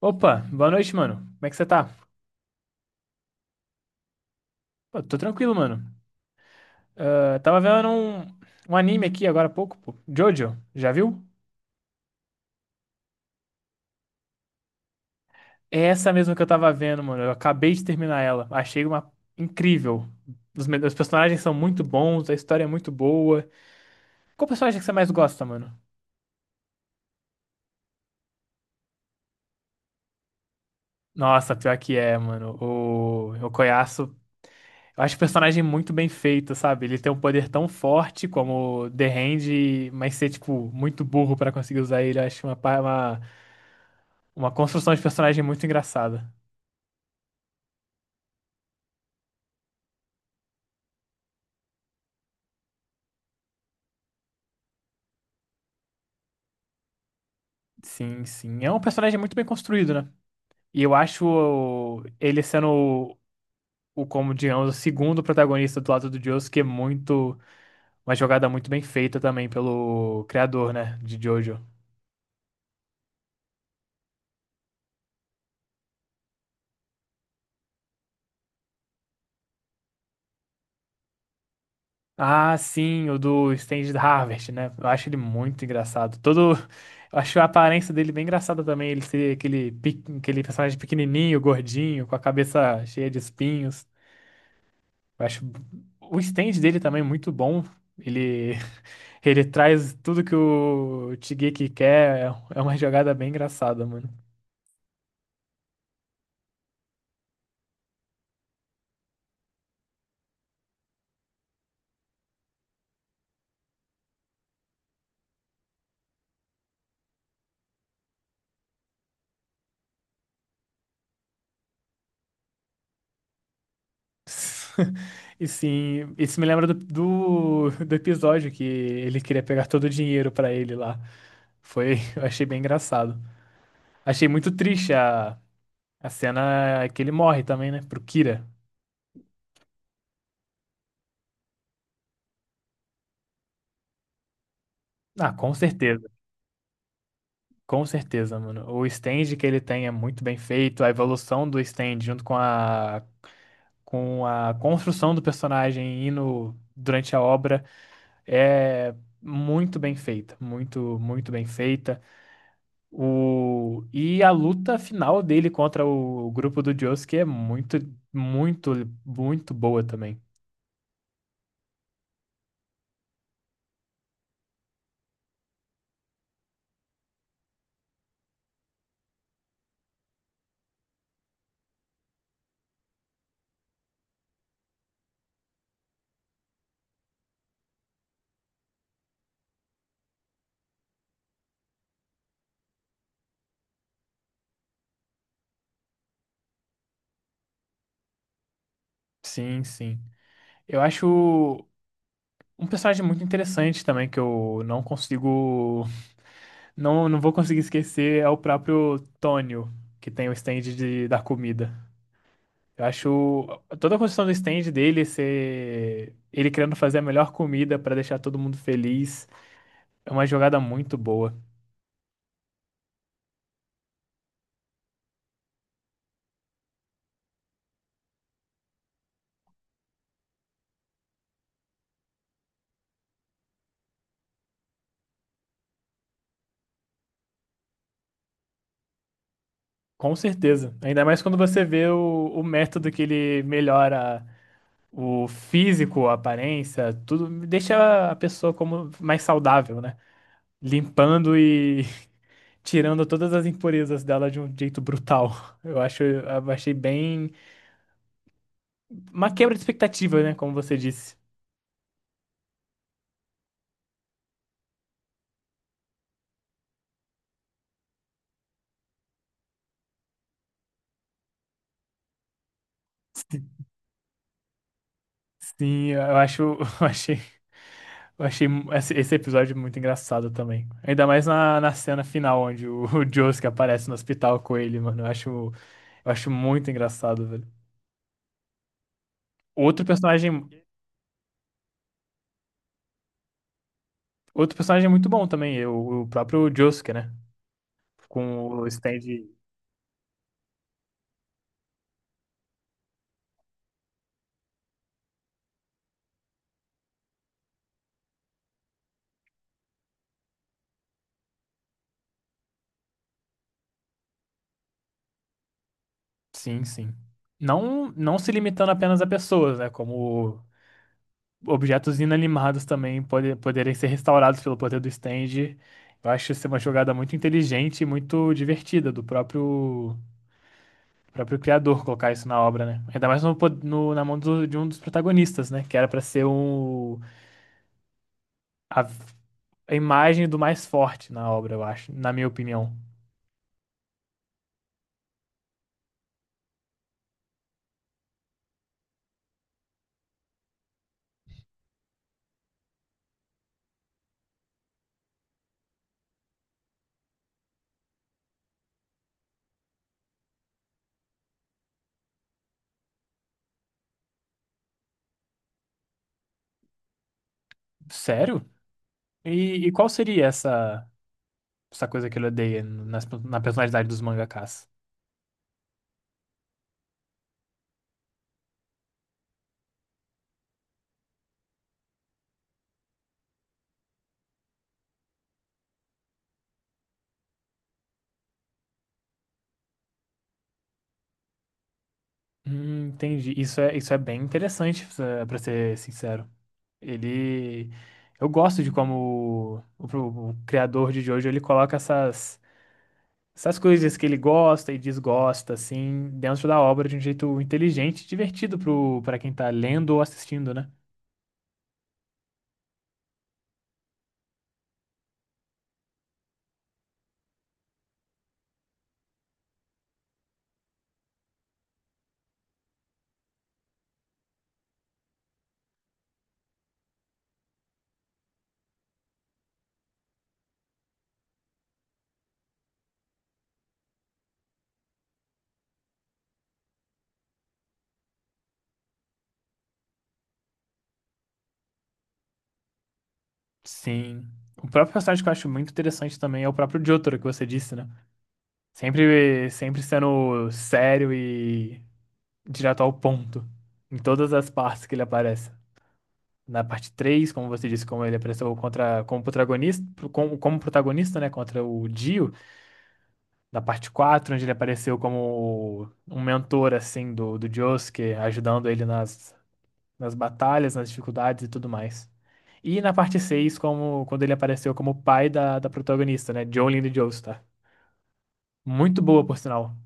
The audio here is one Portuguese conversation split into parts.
Opa, boa noite, mano. Como é que você tá? Pô, tô tranquilo, mano. Ah, tava vendo um anime aqui agora há pouco, pô. Jojo, já viu? É essa mesmo que eu tava vendo, mano. Eu acabei de terminar ela. Achei uma incrível. Os personagens são muito bons, a história é muito boa. Qual personagem que você mais gosta, mano? Nossa, pior que é, mano. O Koyasu. Eu acho o personagem muito bem feito, sabe? Ele tem um poder tão forte como o The Hand, mas ser, tipo, muito burro pra conseguir usar ele. Eu acho uma construção de personagem muito engraçada. Sim, sim. É um personagem muito bem construído, né? E eu acho ele sendo como digamos, o segundo protagonista do lado do Josuke é muito. Uma jogada muito bem feita também pelo criador, né? De Jojo. Ah, sim, o do Stanley Harvest, né? Eu acho ele muito engraçado. Todo. Eu acho a aparência dele bem engraçada também. Ele ser aquele personagem pequenininho, gordinho, com a cabeça cheia de espinhos. Eu acho o stand dele também é muito bom. Ele, ele traz tudo que o Shigeki quer. É uma jogada bem engraçada, mano. E sim, isso me lembra do episódio que ele queria pegar todo o dinheiro pra ele lá. Foi, eu achei bem engraçado. Achei muito triste a cena que ele morre também, né? Pro Kira. Ah, com certeza. Com certeza, mano. O stand que ele tem é muito bem feito. A evolução do stand junto com a construção do personagem e no, durante a obra é muito bem feita, muito, muito bem feita. O, e a luta final dele contra o grupo do Josuke é muito, muito, muito boa também. Sim, sim. Eu acho um personagem muito interessante também que eu não consigo, não vou conseguir esquecer é o próprio Tonio, que tem o stand da comida. Eu acho toda a construção do stand dele ser ele querendo fazer a melhor comida pra deixar todo mundo feliz é uma jogada muito boa. Com certeza. Ainda mais quando você vê o método que ele melhora o físico, a aparência, tudo deixa a pessoa como mais saudável, né? Limpando e tirando todas as impurezas dela de um jeito brutal. Eu achei bem uma quebra de expectativa, né? Como você disse. Sim, eu acho, eu achei. Eu achei esse episódio muito engraçado também. Ainda mais na cena final, onde o, o Josuke aparece no hospital com ele, mano. Eu acho muito engraçado, velho. Outro personagem, outro personagem muito bom também, é o próprio Josuke, né? Com o stand. Sim, sim. Não se limitando apenas a pessoas, né? Como objetos inanimados também poderem ser restaurados pelo poder do stand. Eu acho ser uma jogada muito inteligente e muito divertida do próprio. O próprio criador colocar isso na obra, né? Ainda mais na mão de um dos protagonistas, né? Que era pra ser a, a imagem do mais forte na obra, eu acho, na minha opinião. Sério? E qual seria essa coisa que ele odeia na personalidade dos mangakas? Entendi. Isso é bem interessante, pra ser sincero. Ele. Eu gosto de como o criador de Jojo ele coloca essas coisas que ele gosta e desgosta, assim, dentro da obra de um jeito inteligente e divertido para quem tá lendo ou assistindo, né? Sim. O próprio personagem que eu acho muito interessante também é o próprio Jotaro, que você disse, né? Sempre sendo sério e direto ao ponto. Em todas as partes que ele aparece. Na parte 3 como você disse, como ele apareceu como protagonista, como protagonista, né? Contra o Dio. Da parte 4 onde ele apareceu como um mentor, assim, do Josuke, ajudando ele nas batalhas, nas dificuldades e tudo mais. E na parte 6 como, quando ele apareceu como pai da protagonista, né? Jolene de Joestar. Muito boa, por sinal.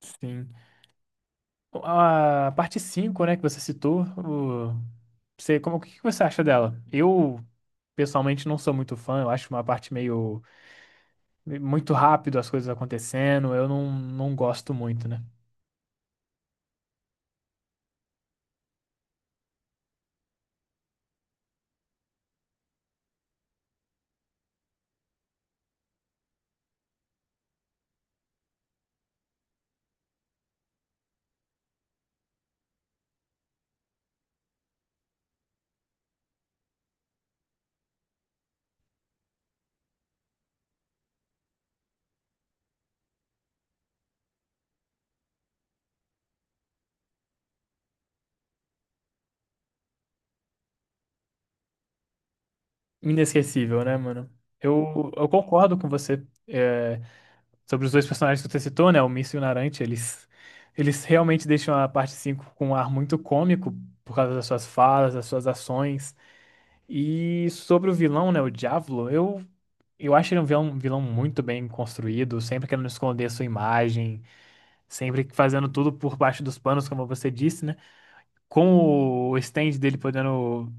Sim. A parte 5 né, que você citou, você, como, o que que você acha dela? Eu, pessoalmente, não sou muito fã, eu acho uma parte meio, muito rápido as coisas acontecendo, eu não gosto muito, né? Inesquecível, né, mano? Eu concordo com você é, sobre os dois personagens que você citou, né? O Mício e o Narante, eles realmente deixam a parte 5 com um ar muito cômico por causa das suas falas, das suas ações. E sobre o vilão, né, o Diavolo, eu acho ele um vilão muito bem construído, sempre querendo esconder a sua imagem, sempre fazendo tudo por baixo dos panos, como você disse, né? Com o stand dele podendo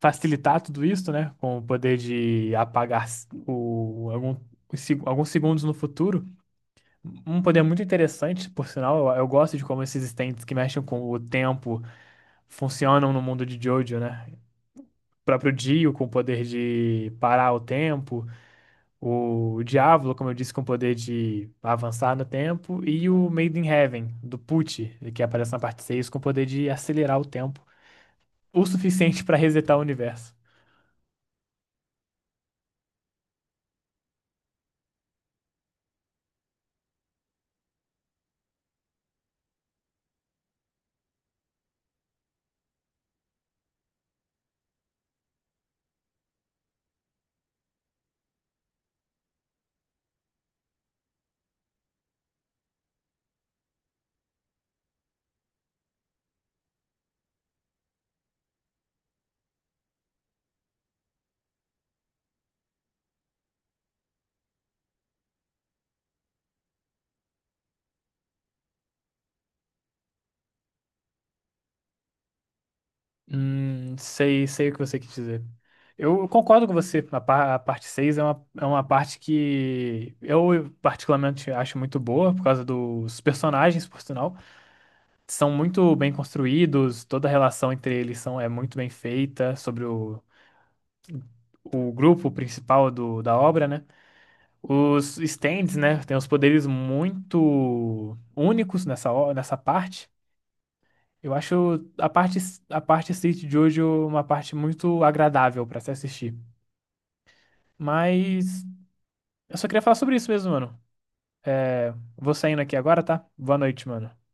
facilitar tudo isso, né? Com o poder de apagar algum, alguns segundos no futuro. Um poder muito interessante, por sinal. Eu gosto de como esses stands que mexem com o tempo funcionam no mundo de Jojo, né? O próprio Dio com o poder de parar o tempo, o Diablo, como eu disse, com o poder de avançar no tempo, e o Made in Heaven, do Pucci, que aparece na parte 6 com o poder de acelerar o tempo o suficiente pra resetar o universo. Sei, sei o que você quis dizer. Eu concordo com você. A parte 6 é uma parte que eu particularmente acho muito boa, por causa dos personagens, por sinal. São muito bem construídos, toda a relação entre eles são, é muito bem feita, sobre o grupo principal da obra, né? Os stands, né? Tem os poderes muito únicos nessa parte. Eu acho a parte, a parte City de hoje uma parte muito agradável pra se assistir. Mas eu só queria falar sobre isso mesmo, mano. Vou saindo aqui agora, tá? Boa noite, mano.